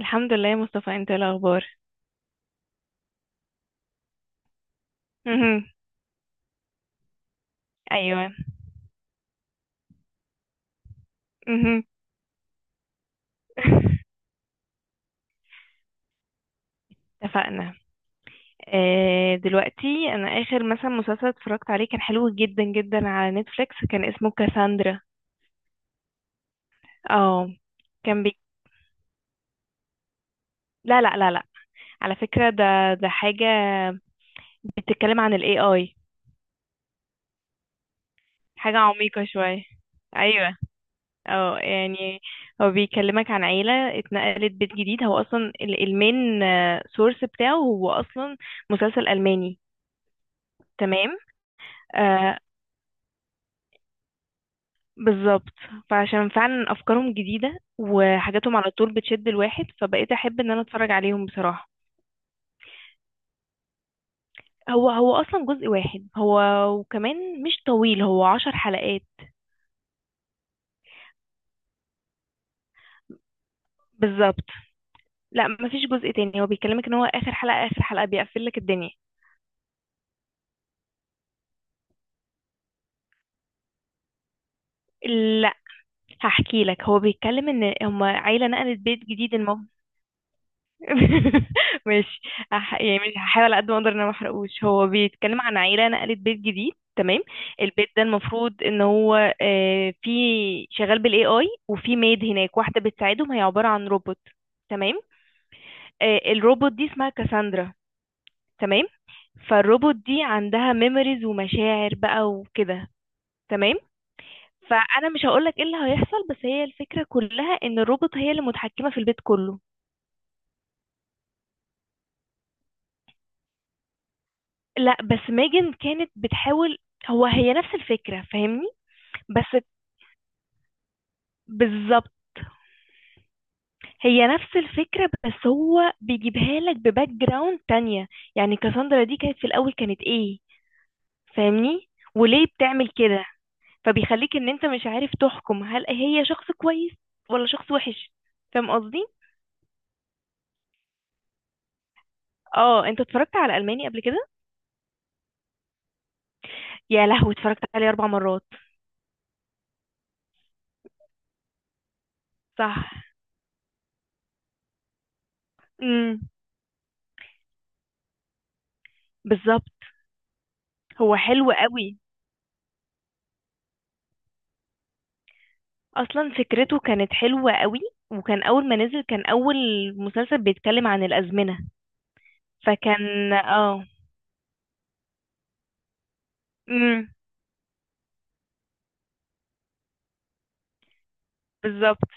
الحمد لله يا مصطفى، انت ايه الاخبار؟ مهم. ايوه. مهم. اتفقنا. دلوقتي انا اخر مثلا مسلسل اتفرجت عليه كان حلو جدا جدا على نتفليكس، كان اسمه كاساندرا. اه. كان بي... لا لا لا لا. على فكرة ده حاجة بتتكلم عن الاي اي، حاجة عميقة شوية. ايوه. اه يعني هو بيكلمك عن عيلة اتنقلت بيت جديد، هو اصلا المين سورس بتاعه، هو اصلا مسلسل الماني. تمام. آه، بالظبط. فعشان فعلا افكارهم جديده وحاجاتهم على طول بتشد الواحد، فبقيت احب ان انا اتفرج عليهم بصراحه. هو اصلا جزء واحد هو، وكمان مش طويل، هو 10 حلقات. بالظبط. لا، مفيش جزء تاني، هو بيكلمك ان هو اخر حلقه اخر حلقه بيقفل لك الدنيا. لا، هحكي لك هو بيتكلم ان هما عيله نقلت بيت جديد. ماشي. يعني مش هحاول، على قد ما اقدر ان انا ما احرقوش، هو بيتكلم عن عيله نقلت بيت جديد. تمام. البيت ده المفروض ان هو في شغال بالاي اي، وفي ميد هناك واحده بتساعدهم، هي عباره عن روبوت. تمام. الروبوت دي اسمها كاساندرا. تمام. فالروبوت دي عندها ميموريز ومشاعر بقى وكده. تمام. فانا مش هقولك ايه اللي هيحصل، بس هي الفكره كلها ان الروبوت هي اللي متحكمه في البيت كله. لا، بس ميجن كانت بتحاول، هو هي نفس الفكرة، فاهمني؟ بس بالظبط. هي نفس الفكرة، بس هو بيجيبها لك بباك جراوند تانية. يعني كاساندرا دي كانت في الأول كانت ايه، فاهمني؟ وليه بتعمل كده، فبيخليك ان انت مش عارف تحكم هل هي شخص كويس ولا شخص وحش، فاهم قصدي؟ اه، انت اتفرجت على ألماني قبل كده؟ يا لهوي، اتفرجت عليه اربع مرات. صح. امم بالظبط. هو حلو قوي. اصلا فكرته كانت حلوة قوي، وكان اول ما نزل كان اول مسلسل بيتكلم عن الازمنة. فكان امم بالظبط.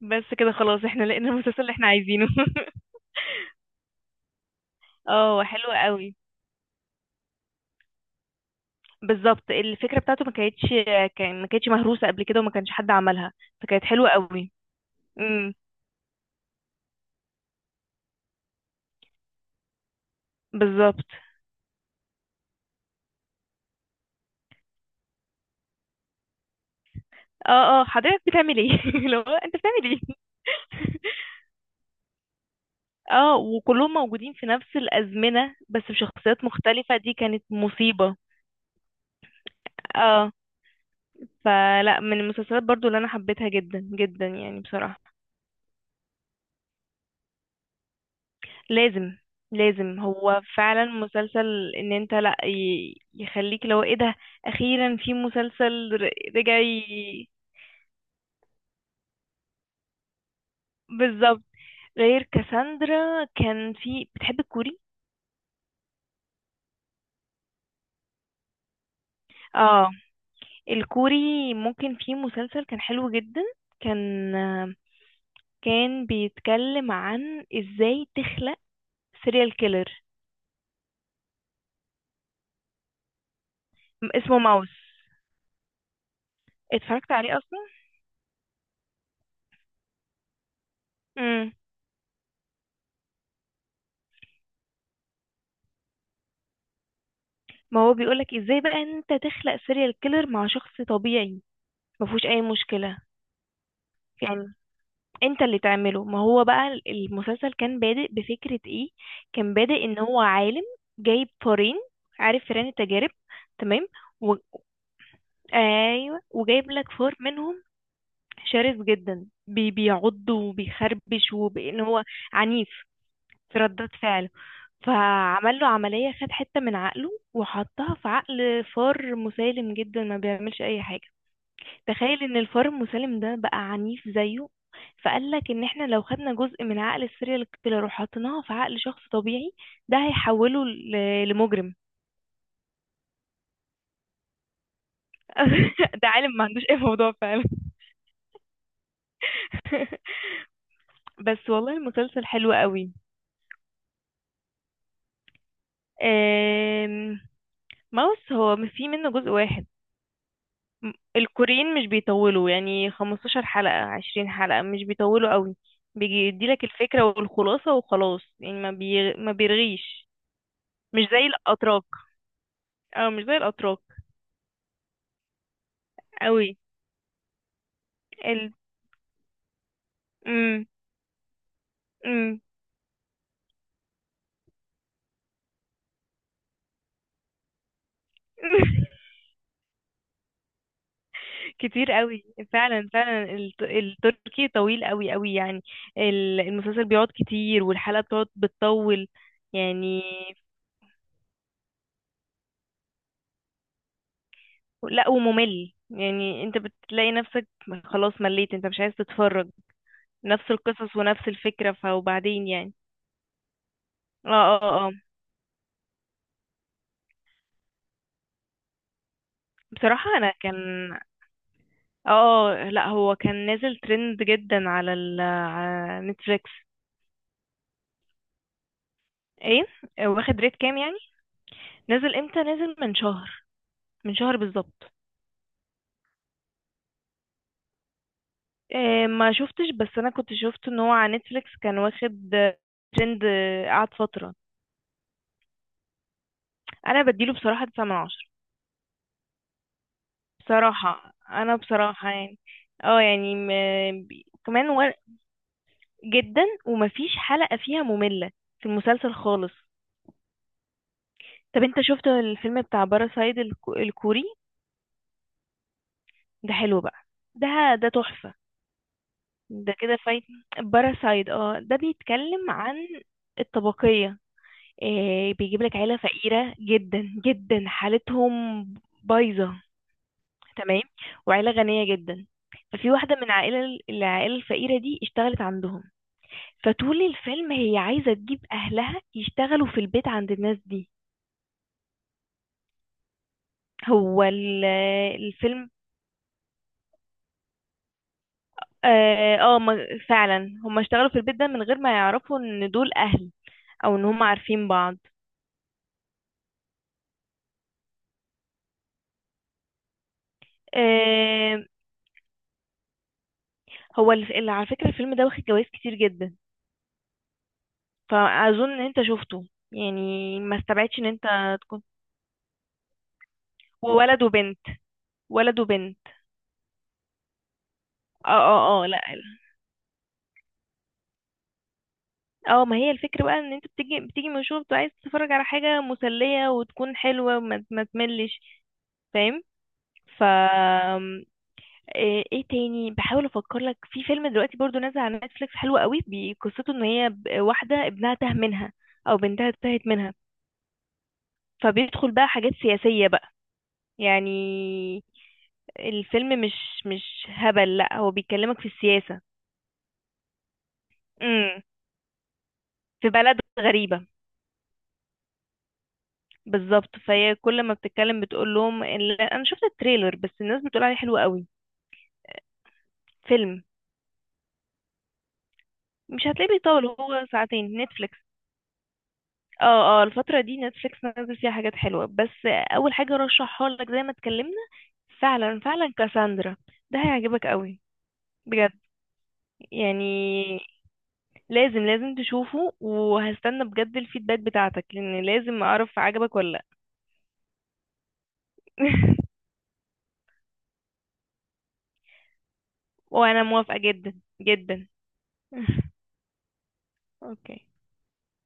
بس كده خلاص، احنا لقينا المسلسل اللي احنا عايزينه. اه، حلو قوي. بالظبط، الفكرة بتاعته ما كانتش، كان ما كانتش مهروسة قبل كده وما كانش حد عملها، فكانت حلوة قوي. امم بالظبط. اه، حضرتك بتعمل ايه؟ لو انت بتعمل ايه؟ اه وكلهم موجودين في نفس الأزمنة بس بشخصيات مختلفة، دي كانت مصيبة. اه فلا، من المسلسلات برضو اللي انا حبيتها جدا جدا يعني بصراحة. لازم، لازم هو فعلا مسلسل ان انت لا يخليك لو ايه ده، اخيرا في مسلسل رجع بالظبط. غير كاساندرا، كان في بتحب الكوري. اه، الكوري ممكن، في مسلسل كان حلو جدا، كان كان بيتكلم عن ازاي تخلق سيريال كيلر، اسمه ماوس. اتفرجت عليه اصلا. ما هو بيقولك ازاي بقى ان انت تخلق سيريال كيلر مع شخص طبيعي، ما فيهوش اي مشكلة، يعني انت اللي تعمله. ما هو بقى المسلسل كان بادئ بفكرة ايه، كان بادئ ان هو عالم جايب فارين، عارف فئران التجارب؟ تمام. و... ايوه، وجايب لك فار منهم شرس جدا، بيعض وبيخربش، وبان هو عنيف في ردات فعله، فعمل له عملية، خد حتة من عقله وحطها في عقل فار مسالم جدا ما بيعملش اي حاجة، تخيل ان الفار المسالم ده بقى عنيف زيه. فقال لك ان احنا لو خدنا جزء من عقل السيريال كيلر وحطيناه في عقل شخص طبيعي، ده هيحوله لمجرم. ده عالم ما عندوش اي موضوع فعلا. بس والله المسلسل حلو قوي. آم، ماوس هو في منه جزء واحد. الكوريين مش بيطولوا، يعني 15 حلقة 20 حلقة، مش بيطولوا قوي، بيجي يديلك الفكرة والخلاصة وخلاص، يعني ما بيرغيش، مش زي الأتراك. اه مش زي الأتراك قوي. ال مم. مم. كتير قوي، فعلا فعلا، التركي طويل قوي قوي يعني، المسلسل بيقعد كتير، والحلقة بتقعد بتطول يعني. لا، وممل، يعني انت بتلاقي نفسك خلاص مليت، انت مش عايز تتفرج، نفس القصص ونفس الفكرة فوبعدين يعني. اه اه اه. بصراحة انا كان لا هو كان نازل ترند جدا على على نتفليكس. ايه، واخد ريت كام يعني؟ نزل امتى؟ نزل من شهر، من شهر بالظبط. ما شفتش، بس انا كنت شفت ان هو على نتفليكس كان واخد ترند، قعد فترة. انا بديله بصراحة 9 من 10. بصراحة انا بصراحة يعني، اه يعني كمان جدا، ومفيش حلقة فيها مملة في المسلسل خالص. طب انت شفت الفيلم بتاع باراسايد، الكوري؟ ده حلو بقى، ده ده تحفة، ده كده فايت. باراسايد، ده بيتكلم عن الطبقية. بيجيب لك عيلة فقيرة جدا جدا، حالتهم بايظة، تمام، وعيلة غنية جدا. ففي واحدة من العائلة الفقيرة دي اشتغلت عندهم، فطول الفيلم هي عايزة تجيب أهلها يشتغلوا في البيت عند الناس دي. هو ال- الفيلم فعلا هما اشتغلوا في البيت ده من غير ما يعرفوا ان دول أهل، أو ان هما عارفين بعض. آه، على فكرة الفيلم ده واخد جوائز كتير جدا، فاظن ان انت شفته يعني، ما استبعدش ان انت تكون. وولد وبنت، ولد وبنت. اه اه اه، لا لا. اه ما هي الفكرة بقى ان انت بتيجي بتيجي من الشغل، بتبقى عايز تتفرج على حاجة مسلية وتكون حلوة، وما ما تملش، فاهم؟ ف إيه تاني، بحاول افكر لك في فيلم دلوقتي برضو نازل على نتفليكس حلو قوي، قصته ان هي واحدة ابنها تاه منها او بنتها تاهت منها، فبيدخل بقى حاجات سياسية بقى، يعني الفيلم مش هبل، لا هو بيكلمك في السياسة. امم في بلد غريبة. بالظبط، فهي كل ما بتتكلم بتقول لهم انا شفت التريلر بس، الناس بتقول عليه حلو قوي. فيلم. مش هتلاقيه بيطول، هو ساعتين، نتفليكس. اه اه، الفترة دي نتفليكس نازل فيها حاجات حلوة، بس اول حاجة رشحها لك زي ما اتكلمنا، فعلا فعلا كاساندرا، ده هيعجبك قوي بجد يعني. لازم لازم تشوفه، وهستنى بجد الفيدباك بتاعتك، لان لازم اعرف عجبك ولا لا. وانا موافقة جدا جدا. اوكي.